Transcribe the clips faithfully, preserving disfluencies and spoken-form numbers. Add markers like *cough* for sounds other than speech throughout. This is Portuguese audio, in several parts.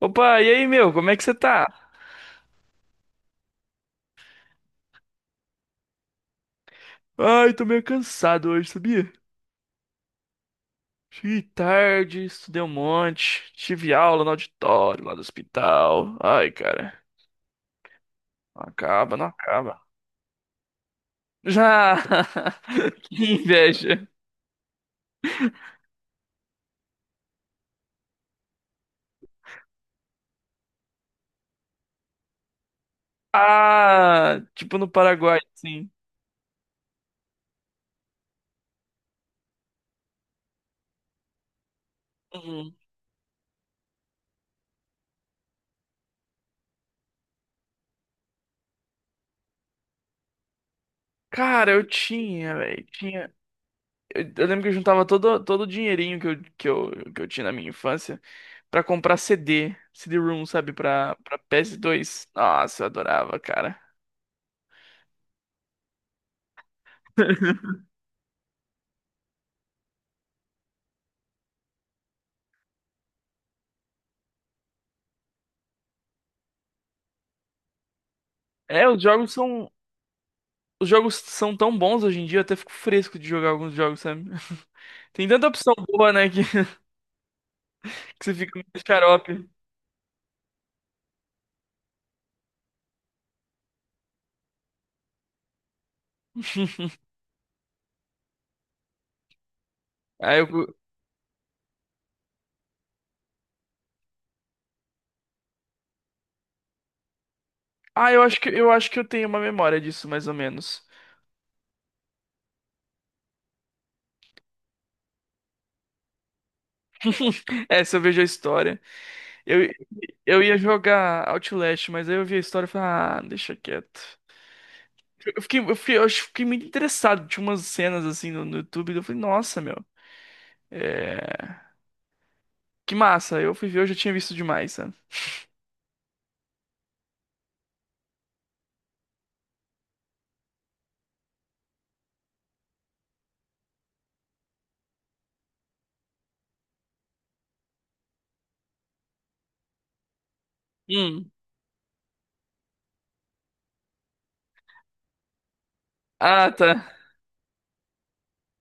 Opa, e aí, meu? Como é que você tá? Ai, tô meio cansado hoje, sabia? Cheguei tarde, estudei um monte, tive aula no auditório lá do hospital. Ai, cara, não acaba, não acaba. Já! *laughs* Que inveja. Ah, tipo no Paraguai, sim. Uhum. Cara, eu tinha, velho, tinha. Eu, eu lembro que eu juntava todo, todo o dinheirinho que eu, que eu, que eu tinha na minha infância pra comprar C D, C D-ROM, sabe, pra, pra P S dois. Nossa, eu adorava, cara. *laughs* É, os jogos são. Os jogos são tão bons hoje em dia, eu até fico fresco de jogar alguns jogos, sabe? *laughs* Tem tanta opção boa, né, que, *laughs* que você fica meio xarope. *laughs* Ah, eu, ah, eu acho que eu acho que eu tenho uma memória disso, mais ou menos. *laughs* É, se eu vejo a história. Eu, eu ia jogar Outlast, mas aí eu vi a história e falei, ah, deixa quieto. Eu fiquei, eu fiquei, eu acho que fiquei muito interessado. Tinha umas cenas assim no, no YouTube, eu falei, nossa, meu, é... que massa. Eu fui ver, eu já tinha visto demais, sabe? Ah, tá.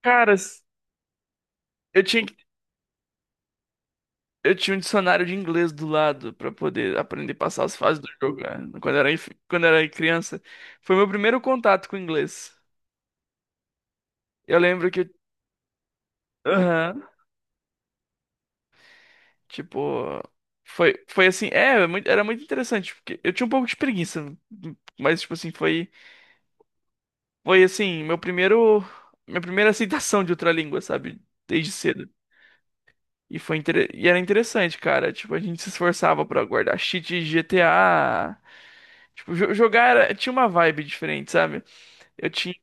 Cara, eu tinha, que- Eu tinha um dicionário de inglês do lado pra poder aprender a passar as fases do jogo, né? Quando eu era, inf- quando eu era criança. Foi meu primeiro contato com o inglês. Eu lembro que. Aham. Tipo. Foi, foi assim. É, era muito era muito interessante. Porque eu tinha um pouco de preguiça. Mas, tipo assim, foi. Foi assim, meu primeiro. Minha primeira aceitação de outra língua, sabe? Desde cedo. E foi inter- e era interessante, cara. Tipo, a gente se esforçava pra guardar cheat de G T A. Tipo, jo- jogar era- tinha uma vibe diferente, sabe? Eu tinha,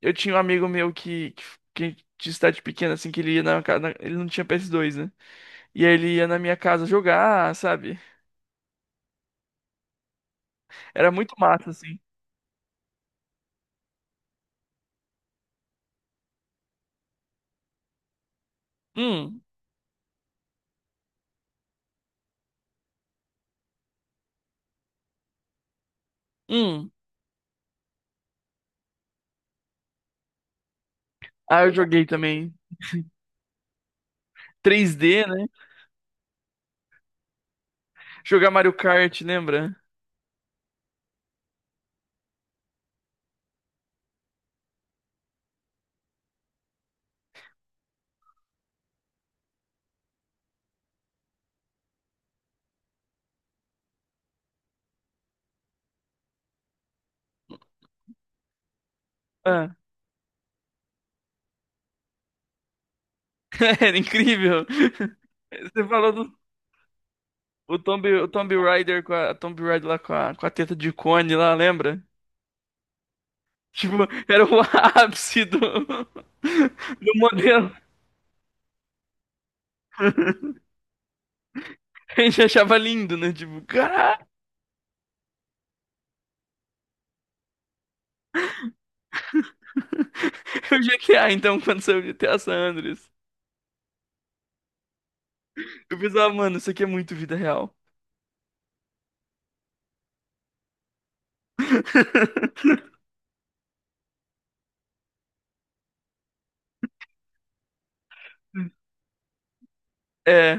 eu tinha um amigo meu que, que, que de cidade pequena, assim, que ele ia na, casa. Ele não tinha P S dois, né? E aí ele ia na minha casa jogar, sabe? Era muito massa, assim. Hum, hum. Ah, eu joguei também. três D, né? Jogar Mario Kart, lembra? Ah, *laughs* era incrível. Você falou do o Tomb, o Tomb Raider com a, a Tomb Raider lá com a, com a teta de cone lá, lembra? Tipo, era o *laughs* ápice do, do modelo. A gente achava lindo, né? Tipo, caralho, o G T A, então, quando saiu o G T A San Andreas. Eu pensava, mano, isso aqui é muito vida real. *laughs* É,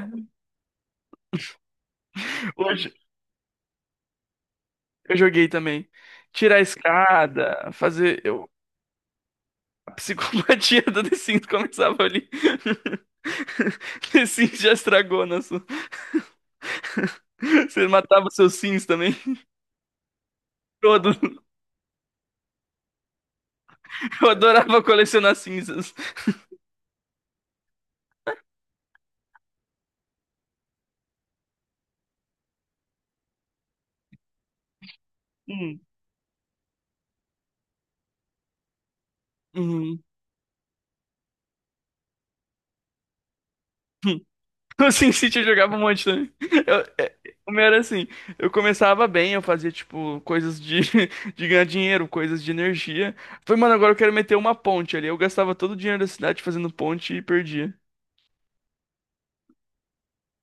hoje eu joguei também. Tirar a escada, fazer. Eu, a psicopatia do The Sims começava ali. *laughs* The Sims já estragou nosso. Você matava seus Sims também? *laughs* Todos. *laughs* Eu adorava colecionar cinzas. Hum. Uhum. *laughs* No SimCity eu jogava um monte também. Eu- é, o meu era assim, eu começava bem, eu fazia, tipo, coisas de, *laughs* de ganhar dinheiro, coisas de energia. Falei, mano, agora eu quero meter uma ponte ali. Eu gastava todo o dinheiro da cidade fazendo ponte e perdia.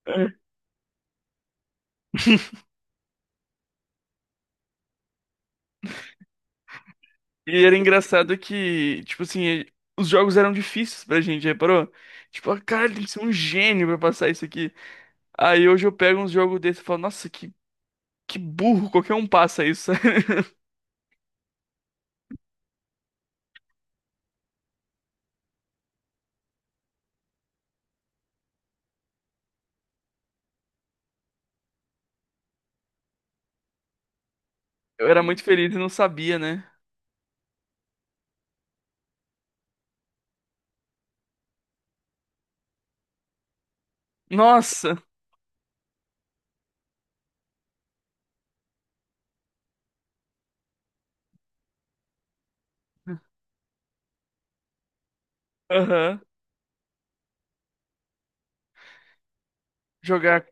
É. E era engraçado que, tipo assim, os jogos eram difíceis pra gente, reparou? Tipo, ah, cara, tem que ser um gênio pra passar isso aqui. Aí hoje eu pego uns jogos desse e falo, nossa, que, que burro, qualquer um passa isso. *laughs* Eu era muito feliz e não sabia, né? Nossa! Aham. Jogar.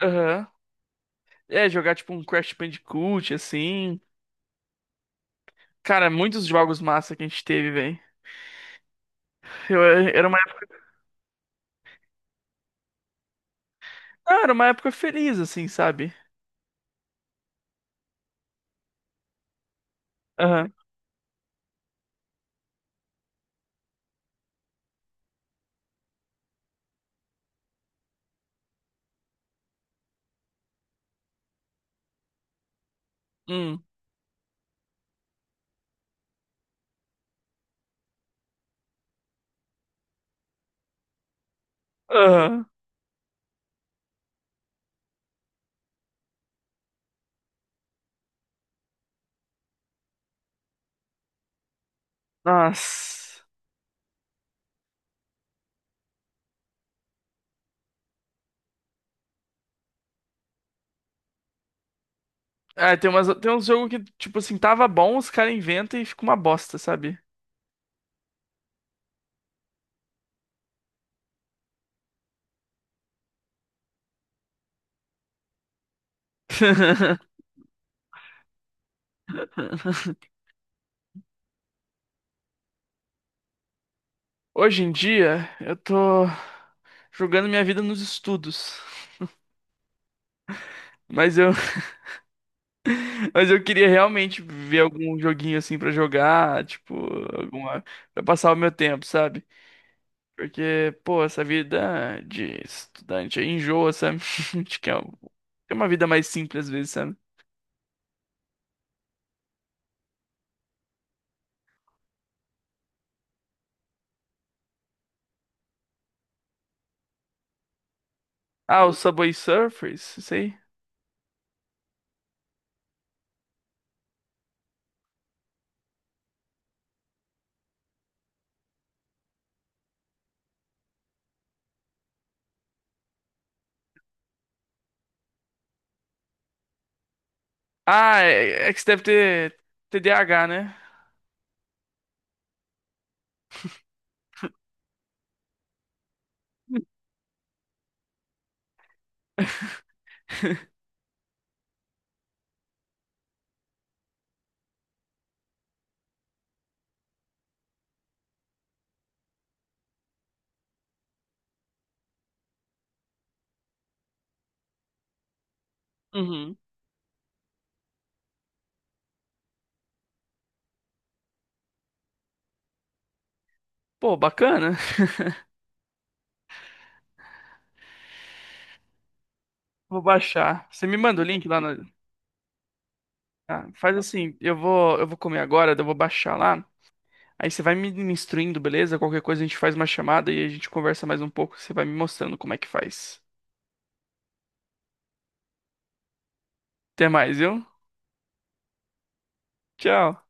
Aham. É, jogar tipo um Crash Bandicoot, assim. Cara, muitos jogos massa que a gente teve, velho. Eu, eh, Era uma época, ah, era uma época feliz, assim, sabe? Aham. Hum. Aham. Nossa. Ah, tem umas, tem uns jogos que, tipo assim, tava bom, os caras inventam e fica uma bosta, sabe? *laughs* Hoje em dia, eu tô jogando minha vida nos estudos. Mas eu, *laughs* Mas eu queria realmente ver algum joguinho assim pra jogar, tipo, alguma, pra passar o meu tempo, sabe? Porque, pô, essa vida de estudante aí enjoa, sabe? *laughs* Acho que é um- É uma vida mais simples às vezes, sabe? Ah, o Subway Surfers, isso aí. Ah, é, é que você deve ter T D A H, né? *laughs* Uhum. Pô, bacana. Vou baixar. Você me manda o link lá na. Ah, faz assim, eu vou, eu vou comer agora, daí eu vou baixar lá. Aí você vai me me instruindo, beleza? Qualquer coisa a gente faz uma chamada e a gente conversa mais um pouco. Você vai me mostrando como é que faz. Até mais, viu? Tchau.